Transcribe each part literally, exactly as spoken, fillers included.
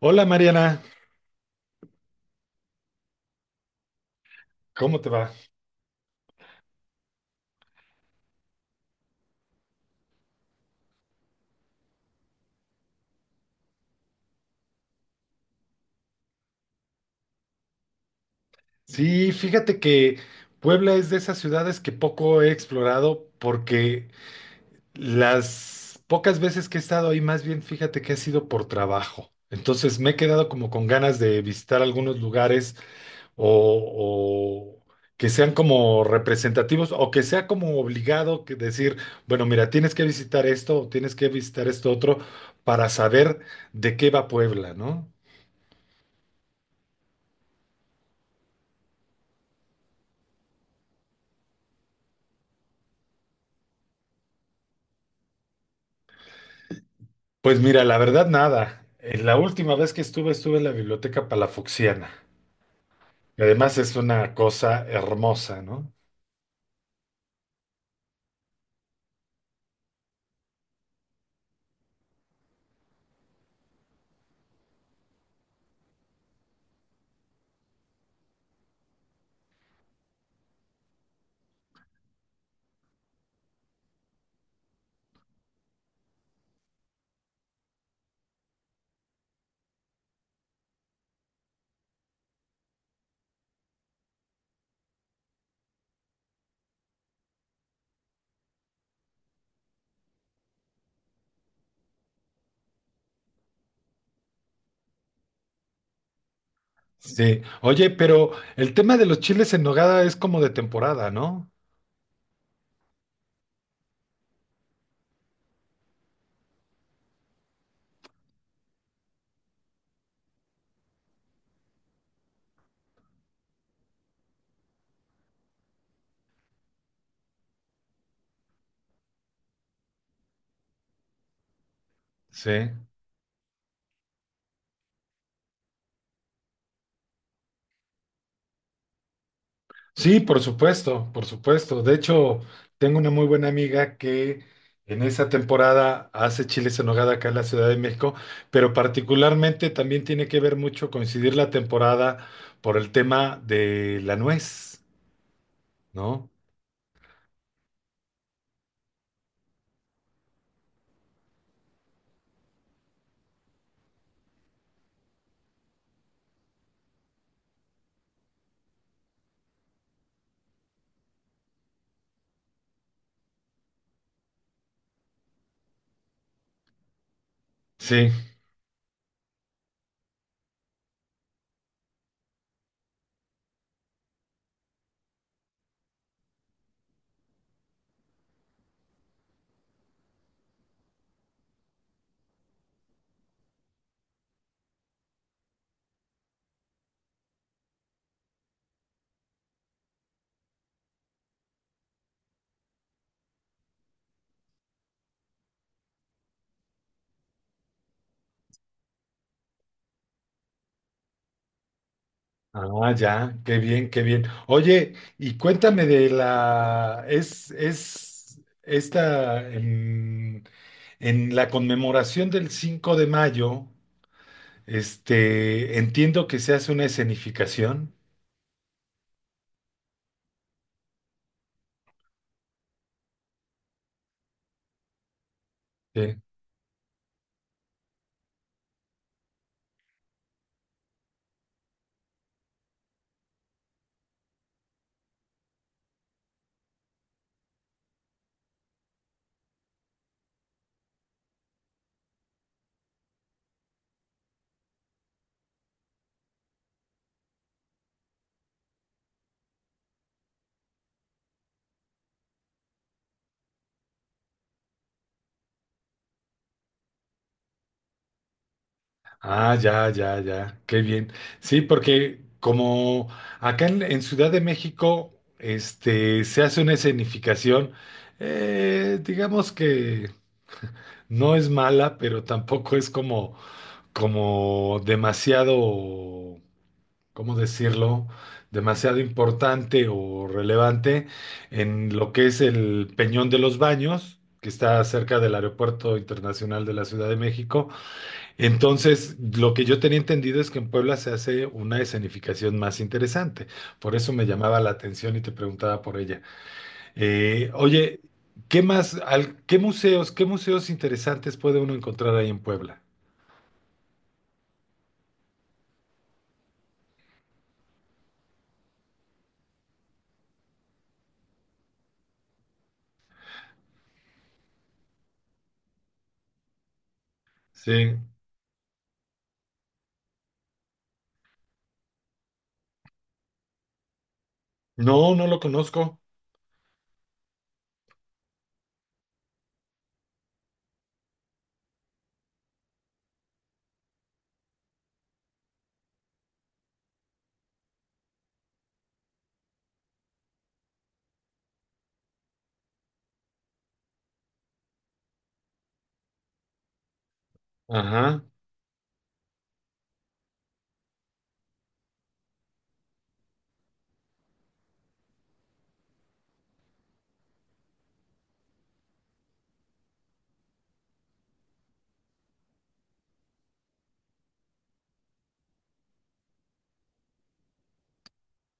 Hola Mariana, ¿cómo te va? Sí, fíjate que Puebla es de esas ciudades que poco he explorado porque las pocas veces que he estado ahí, más bien fíjate que ha sido por trabajo. Entonces me he quedado como con ganas de visitar algunos lugares o, o que sean como representativos o que sea como obligado que decir, bueno, mira, tienes que visitar esto o tienes que visitar esto otro para saber de qué va Puebla, ¿no? Pues mira, la verdad nada. Eh, La última vez que estuve, estuve en la Biblioteca Palafoxiana. Y además es una cosa hermosa, ¿no? Sí. Oye, pero el tema de los chiles en nogada es como de temporada, ¿no? Sí. Sí, por supuesto, por supuesto. De hecho, tengo una muy buena amiga que en esa temporada hace chiles en nogada acá en la Ciudad de México, pero particularmente también tiene que ver mucho coincidir la temporada por el tema de la nuez, ¿no? Sí. Ah, ya, qué bien, qué bien. Oye, y cuéntame de la, es, es esta, en, en la conmemoración del cinco de mayo, este, entiendo que se hace una escenificación. Sí. Ah, ya, ya, ya, qué bien. Sí, porque como acá en, en Ciudad de México, este, se hace una escenificación, eh, digamos que no es mala, pero tampoco es como como demasiado, ¿cómo decirlo? Demasiado importante o relevante en lo que es el Peñón de los Baños, que está cerca del Aeropuerto Internacional de la Ciudad de México. Entonces, lo que yo tenía entendido es que en Puebla se hace una escenificación más interesante. Por eso me llamaba la atención y te preguntaba por ella. Eh, oye, ¿qué más, al- qué museos, qué museos interesantes puede uno encontrar ahí en Puebla? Sí. No, no lo conozco. Ajá,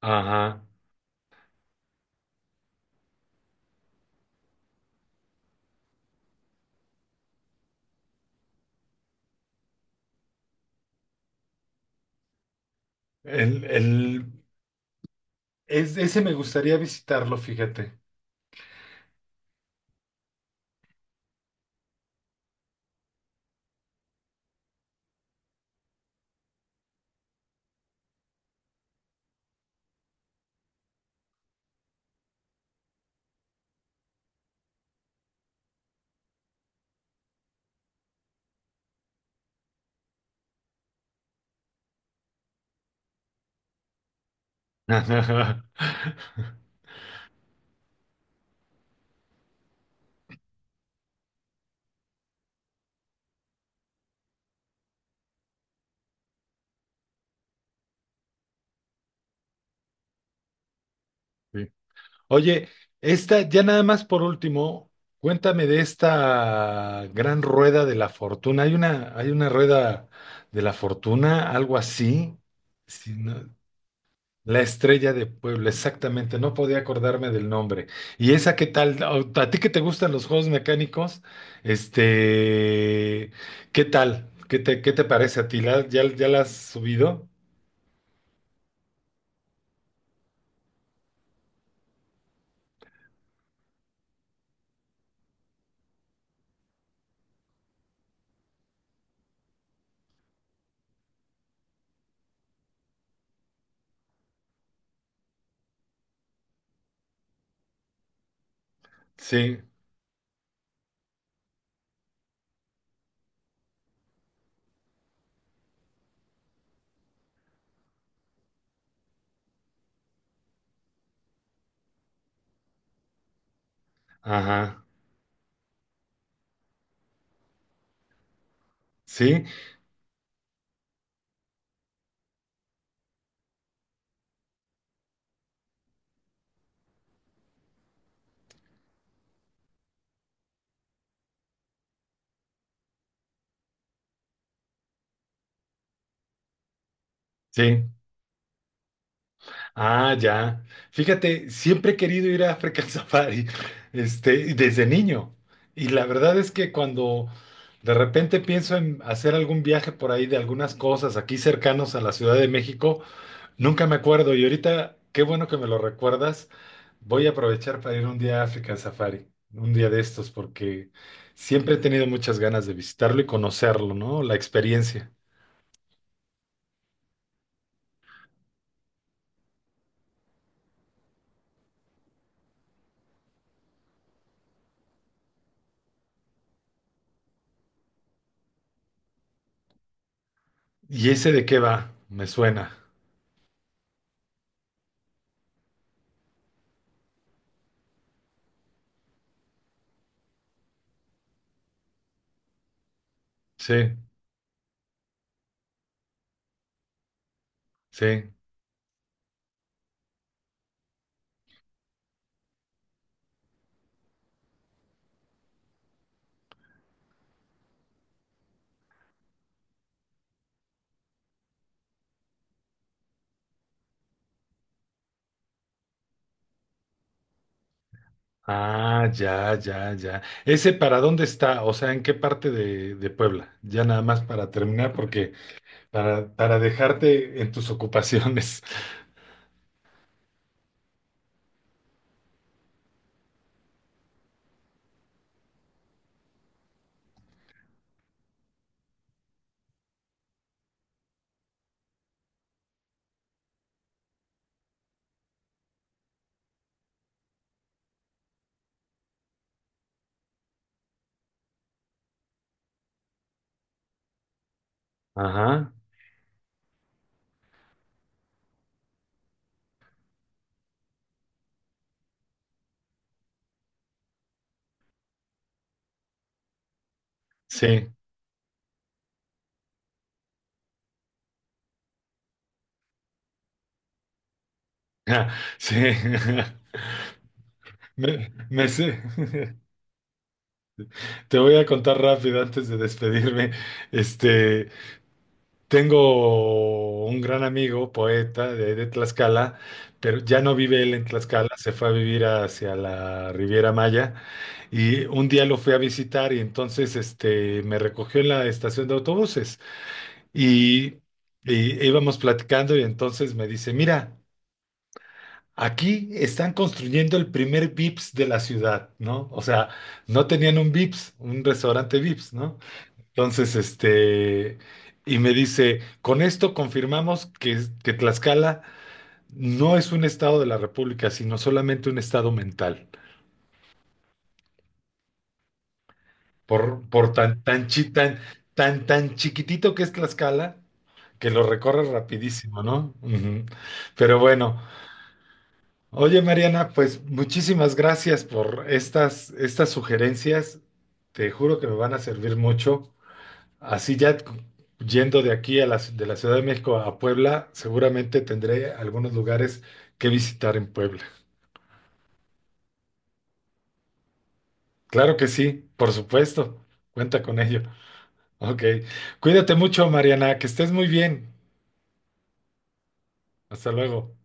ajá. El, el... Es- ese me gustaría visitarlo, fíjate. Sí. Oye, esta, ya nada más por último, cuéntame de esta gran rueda de la fortuna. Hay una, hay una rueda de la fortuna, algo así. Sí, no. La estrella de Puebla, exactamente, no podía acordarme del nombre. ¿Y esa qué tal? A a ti que te gustan los juegos mecánicos? Este, ¿qué tal? ¿Qué te, qué te parece a ti? ¿La- ya, ya la has subido? Sí, ajá, sí, sí. Ah, ya. Fíjate, siempre he querido ir a African Safari, este, y desde niño. Y la verdad es que cuando de repente pienso en hacer algún viaje por ahí de algunas cosas aquí cercanos a la Ciudad de México, nunca me acuerdo y ahorita, qué bueno que me lo recuerdas. Voy a aprovechar para ir un día a África Safari, un día de estos, porque siempre he tenido muchas ganas de visitarlo y conocerlo, ¿no? La experiencia. ¿Y ese de qué va? Me suena. Sí, sí. Ah, ya, ya, ya. ¿Ese para dónde está? O sea, ¿en qué parte de, de Puebla? Ya nada más para terminar, porque para, para dejarte en tus ocupaciones. Ajá, sí. Sí. Me, me sé- Te voy a contar rápido antes de despedirme. Este, tengo un gran amigo, poeta de, de Tlaxcala, pero ya no vive él en Tlaxcala, se fue a vivir hacia la Riviera Maya y un día lo fui a visitar y entonces este, me recogió en la estación de autobuses y, y íbamos platicando y entonces me dice, mira. Aquí están construyendo el primer Vips de la ciudad, ¿no? O sea, no tenían un Vips, un restaurante Vips, ¿no? Entonces, este, y me dice, con esto confirmamos que, que Tlaxcala no es un estado de la República, sino solamente un estado mental. Por, por tan, tan, chi- tan, tan, tan chiquitito que es Tlaxcala, que lo recorre rapidísimo, ¿no? Ujú. Pero bueno, Oye, Mariana, pues muchísimas gracias por estas, estas sugerencias. Te juro que me van a servir mucho. Así ya cu- yendo de aquí a la, ci- de la Ciudad de México a Puebla, seguramente tendré algunos lugares que visitar en Puebla. Claro que sí, por supuesto. Cuenta con ello. Ok. Cuídate mucho, Mariana. Que estés muy bien. Hasta luego.